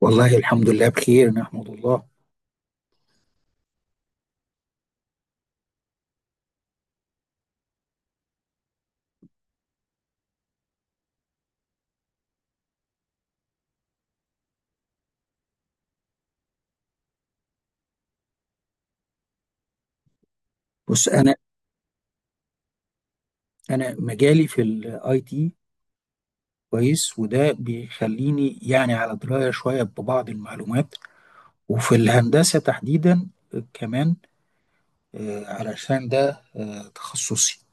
والله الحمد لله بخير، نحمد الله. بص انا مجالي في الاي تي كويس، وده بيخليني يعني على درايه شويه ببعض المعلومات. وفي الهندسه تحديدا كمان، علشان ده تخصصي.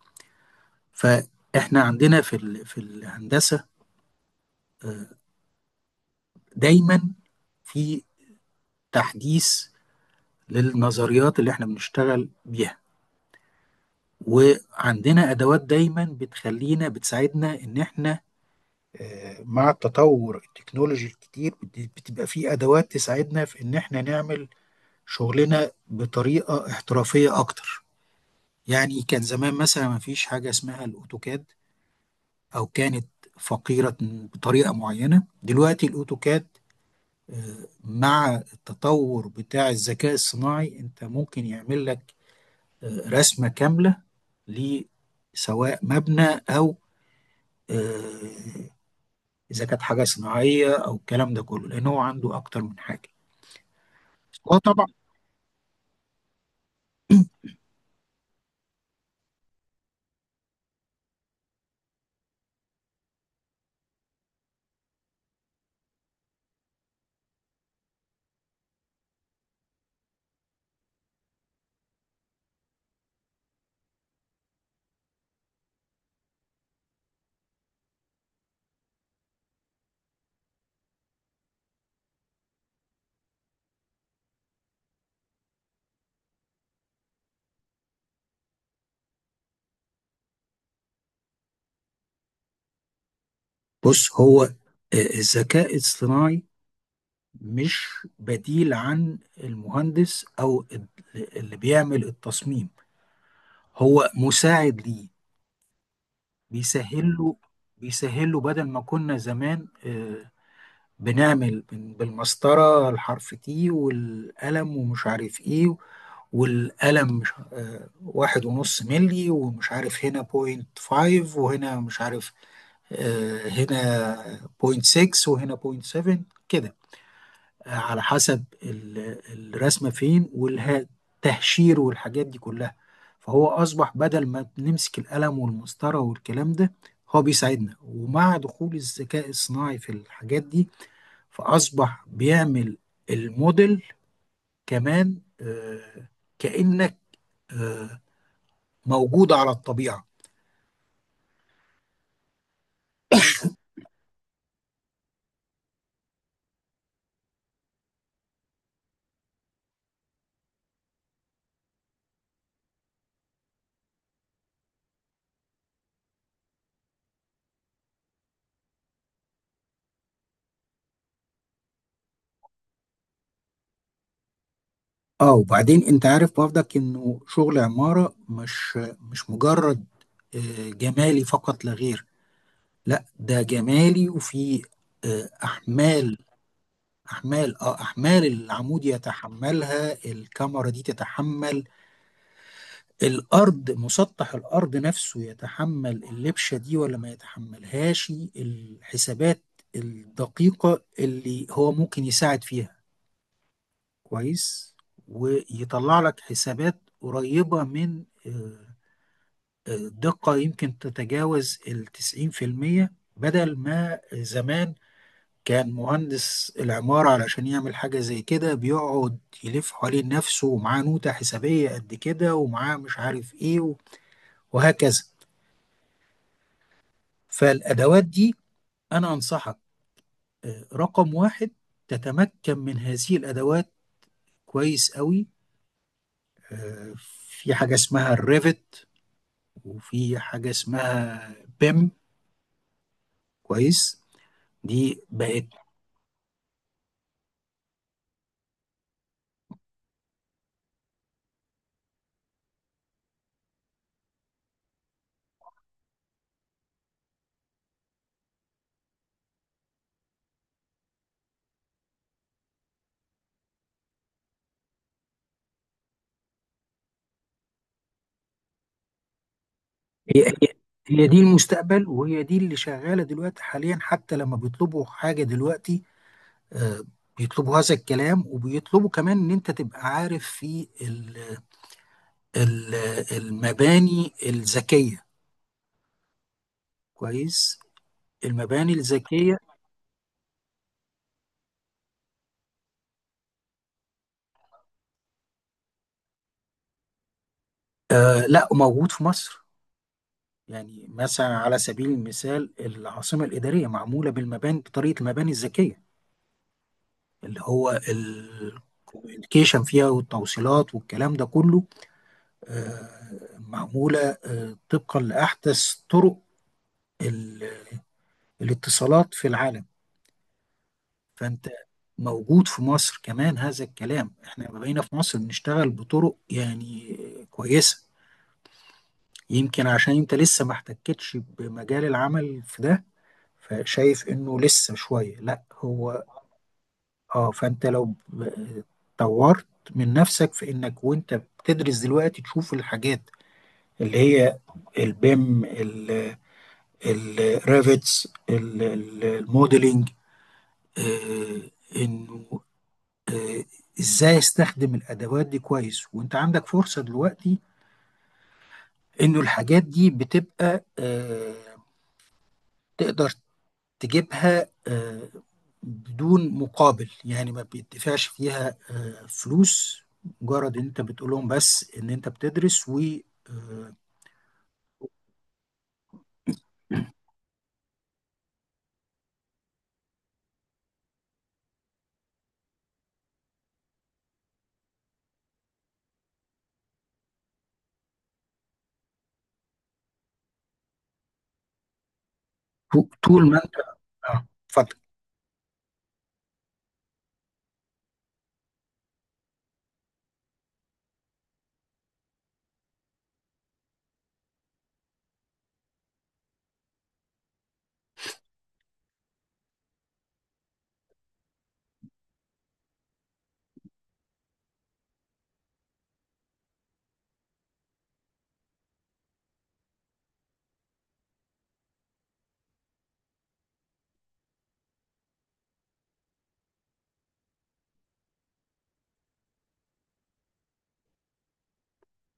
فاحنا عندنا في الهندسه دايما في تحديث للنظريات اللي احنا بنشتغل بيها. وعندنا ادوات دايما بتساعدنا ان احنا، مع التطور التكنولوجي الكتير بتبقى في أدوات تساعدنا في إن إحنا نعمل شغلنا بطريقة احترافية أكتر. يعني كان زمان مثلا ما فيش حاجة اسمها الأوتوكاد، أو كانت فقيرة بطريقة معينة. دلوقتي الأوتوكاد، مع التطور بتاع الذكاء الصناعي، أنت ممكن يعمل لك رسمة كاملة، لسواء مبنى أو آه، اذا كانت حاجه صناعيه او الكلام ده كله، لان هو عنده اكتر من حاجه. هو طبعا. بص، هو الذكاء الصناعي مش بديل عن المهندس اللي بيعمل التصميم، هو مساعد ليه. بيسهل له بيسهل له بدل ما كنا زمان بنعمل بالمسطره، الحرف تي والقلم ومش عارف ايه، والقلم مش 1.5 ملي، ومش عارف هنا بوينت فايف وهنا مش عارف هنا بوينت 6 وهنا بوينت 7، كده، على حسب الرسمة فين، والتهشير والحاجات دي كلها. فهو أصبح بدل ما نمسك القلم والمسطرة والكلام ده، هو بيساعدنا. ومع دخول الذكاء الصناعي في الحاجات دي، فأصبح بيعمل الموديل كمان، كأنك آه، موجود على الطبيعة. اه. وبعدين انت عارف برضك، انه شغل عمارة مش مجرد جمالي فقط لا غير. لا، ده جمالي وفي آه، احمال احمال العمود يتحملها، الكاميرا دي تتحمل، الارض، مسطح الارض نفسه يتحمل اللبشة دي ولا ما يتحملهاش. الحسابات الدقيقة اللي هو ممكن يساعد فيها كويس، ويطلع لك حسابات قريبة من دقة يمكن تتجاوز 90%. بدل ما زمان كان مهندس العمارة علشان يعمل حاجة زي كده بيقعد يلف حوالين نفسه، ومعاه نوتة حسابية قد كده، ومعاه مش عارف ايه، وهكذا. فالأدوات دي، أنا أنصحك رقم واحد، تتمكن من هذه الأدوات كويس قوي. في حاجة اسمها الريفت، وفي حاجة اسمها بيم، كويس. دي بقت، هي هي هي دي المستقبل، وهي دي اللي شغالة دلوقتي حاليا. حتى لما بيطلبوا حاجة دلوقتي آه، بيطلبوا هذا الكلام، وبيطلبوا كمان ان انت تبقى عارف في ال المباني الذكية، كويس، المباني الذكية. آه لا، موجود في مصر. يعني مثلا، على سبيل المثال، العاصمة الإدارية معمولة بالمباني بطريقة المباني الذكية، اللي هو الكوميونيكيشن فيها والتوصيلات والكلام ده كله معمولة طبقا لأحدث طرق ال- الاتصالات في العالم. فأنت موجود في مصر كمان هذا الكلام. احنا ما بقينا في مصر بنشتغل بطرق يعني كويسة. يمكن عشان انت لسه ما احتكتش بمجال العمل في ده، فشايف انه لسه شوية، لا هو. اه، فانت لو طورت من نفسك في انك وانت بتدرس دلوقتي تشوف الحاجات اللي هي البيم، الريفيتس، الموديلنج، انه آه، ازاي استخدم الادوات دي كويس. وانت عندك فرصة دلوقتي انه الحاجات دي بتبقى تقدر تجيبها بدون مقابل، يعني ما بيدفعش فيها فلوس، مجرد ان انت بتقول لهم بس ان انت بتدرس، و آه، طول ما انت. اه، اتفضل.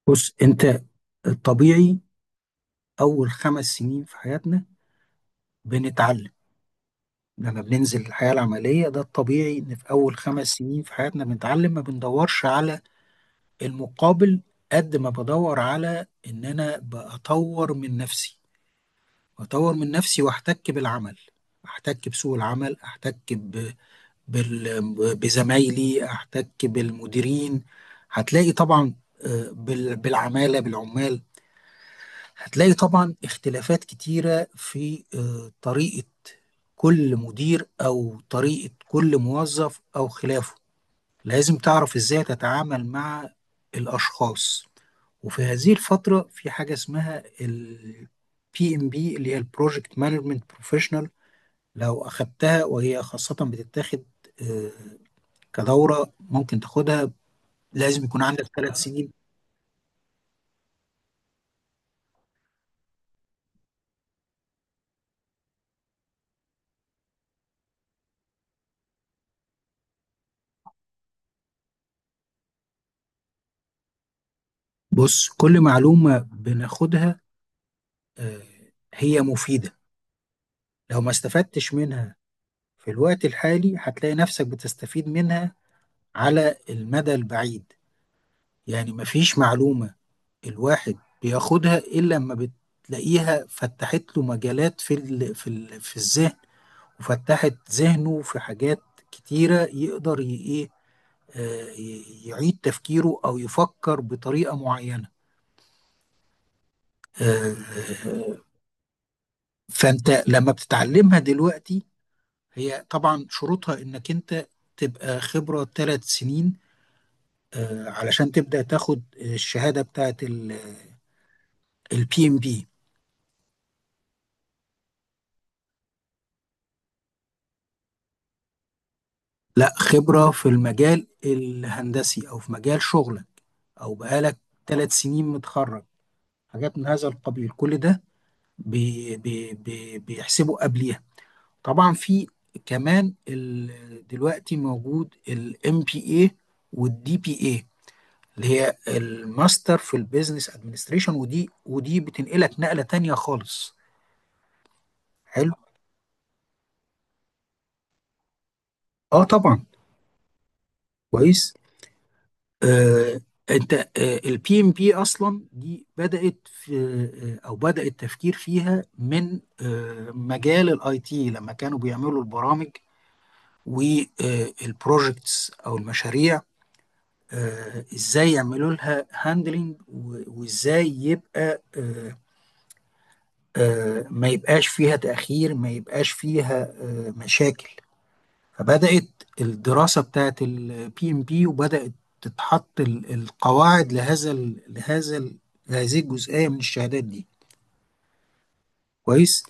بص انت، الطبيعي اول 5 سنين في حياتنا بنتعلم. لما بننزل الحياة العملية، ده الطبيعي ان في اول 5 سنين في حياتنا بنتعلم، ما بندورش على المقابل، قد ما بدور على ان انا بطور من نفسي. أطور من نفسي وأحتك بالعمل، أحتك بسوق العمل، أحتك بال... بزمايلي، أحتك بالمديرين. هتلاقي طبعا بالعمال. هتلاقي طبعا اختلافات كتيرة في طريقة كل مدير أو طريقة كل موظف أو خلافه، لازم تعرف ازاي تتعامل مع الاشخاص. وفي هذه الفترة في حاجة اسمها ال PMB، اللي هي البروجكت مانجمنت بروفيشنال. لو أخدتها، وهي خاصة بتتاخد آه، كدورة، ممكن تاخدها، لازم يكون عندك 3 سنين. بص، كل معلومة بناخدها هي مفيدة. لو ما استفدتش منها في الوقت الحالي، هتلاقي نفسك بتستفيد منها على المدى البعيد. يعني مفيش معلومة الواحد بياخدها الا لما بتلاقيها فتحت له مجالات في الذهن، وفتحت ذهنه في حاجات كتيره يقدر ايه، يعيد تفكيره، او يفكر بطريقه معينه. آه، آه، فانت لما بتتعلمها دلوقتي، هي طبعا شروطها انك انت تبقى خبره 3 سنين، علشان تبدا تاخد الشهاده بتاعت البي ام بي. لا، خبرة في المجال الهندسي أو في مجال شغلك، أو بقالك 3 سنين متخرج، حاجات من هذا القبيل، كل ده بي بي بي بيحسبوا قبليها. طبعا في كمان دلوقتي موجود الام بي اي والدي بي اي، اللي هي الماستر في البيزنس ادمنستريشن، ودي بتنقلك نقلة تانية خالص. حلو، اه طبعا. كويس، آه، انت، البي ام بي اصلا دي بدات في او بدا التفكير فيها من مجال الاي تي، لما كانوا بيعملوا البرامج والبروجكتس او المشاريع ازاي يعملوا لها هاندلنج، وازاي يبقى ما يبقاش فيها تاخير، ما يبقاش فيها مشاكل. فبدأت الدراسة بتاعت البي ام بي، وبدأت تتحط القواعد لهذا ال لهذا ال هذه الجزئية من الشهادات دي. كويس.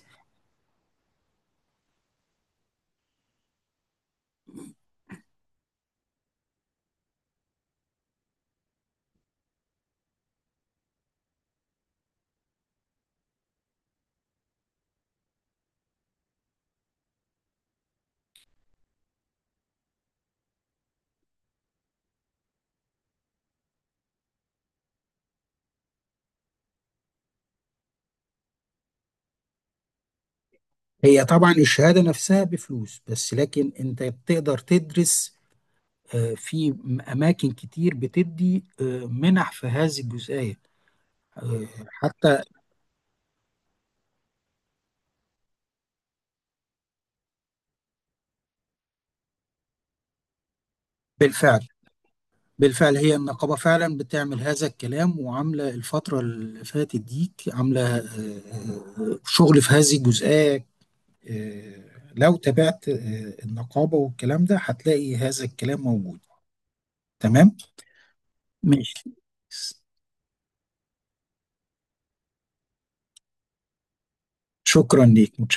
هي طبعا الشهادة نفسها بفلوس، بس لكن انت بتقدر تدرس في أماكن كتير بتدي منح في هذه الجزئية حتى. بالفعل. بالفعل، هي النقابة فعلا بتعمل هذا الكلام، وعاملة الفترة اللي فاتت ديك عاملة شغل في هذه الجزئية. آه، لو تابعت النقابة والكلام ده، هتلاقي هذا الكلام موجود. تمام، ماشي. شكرا ليك، متشكر.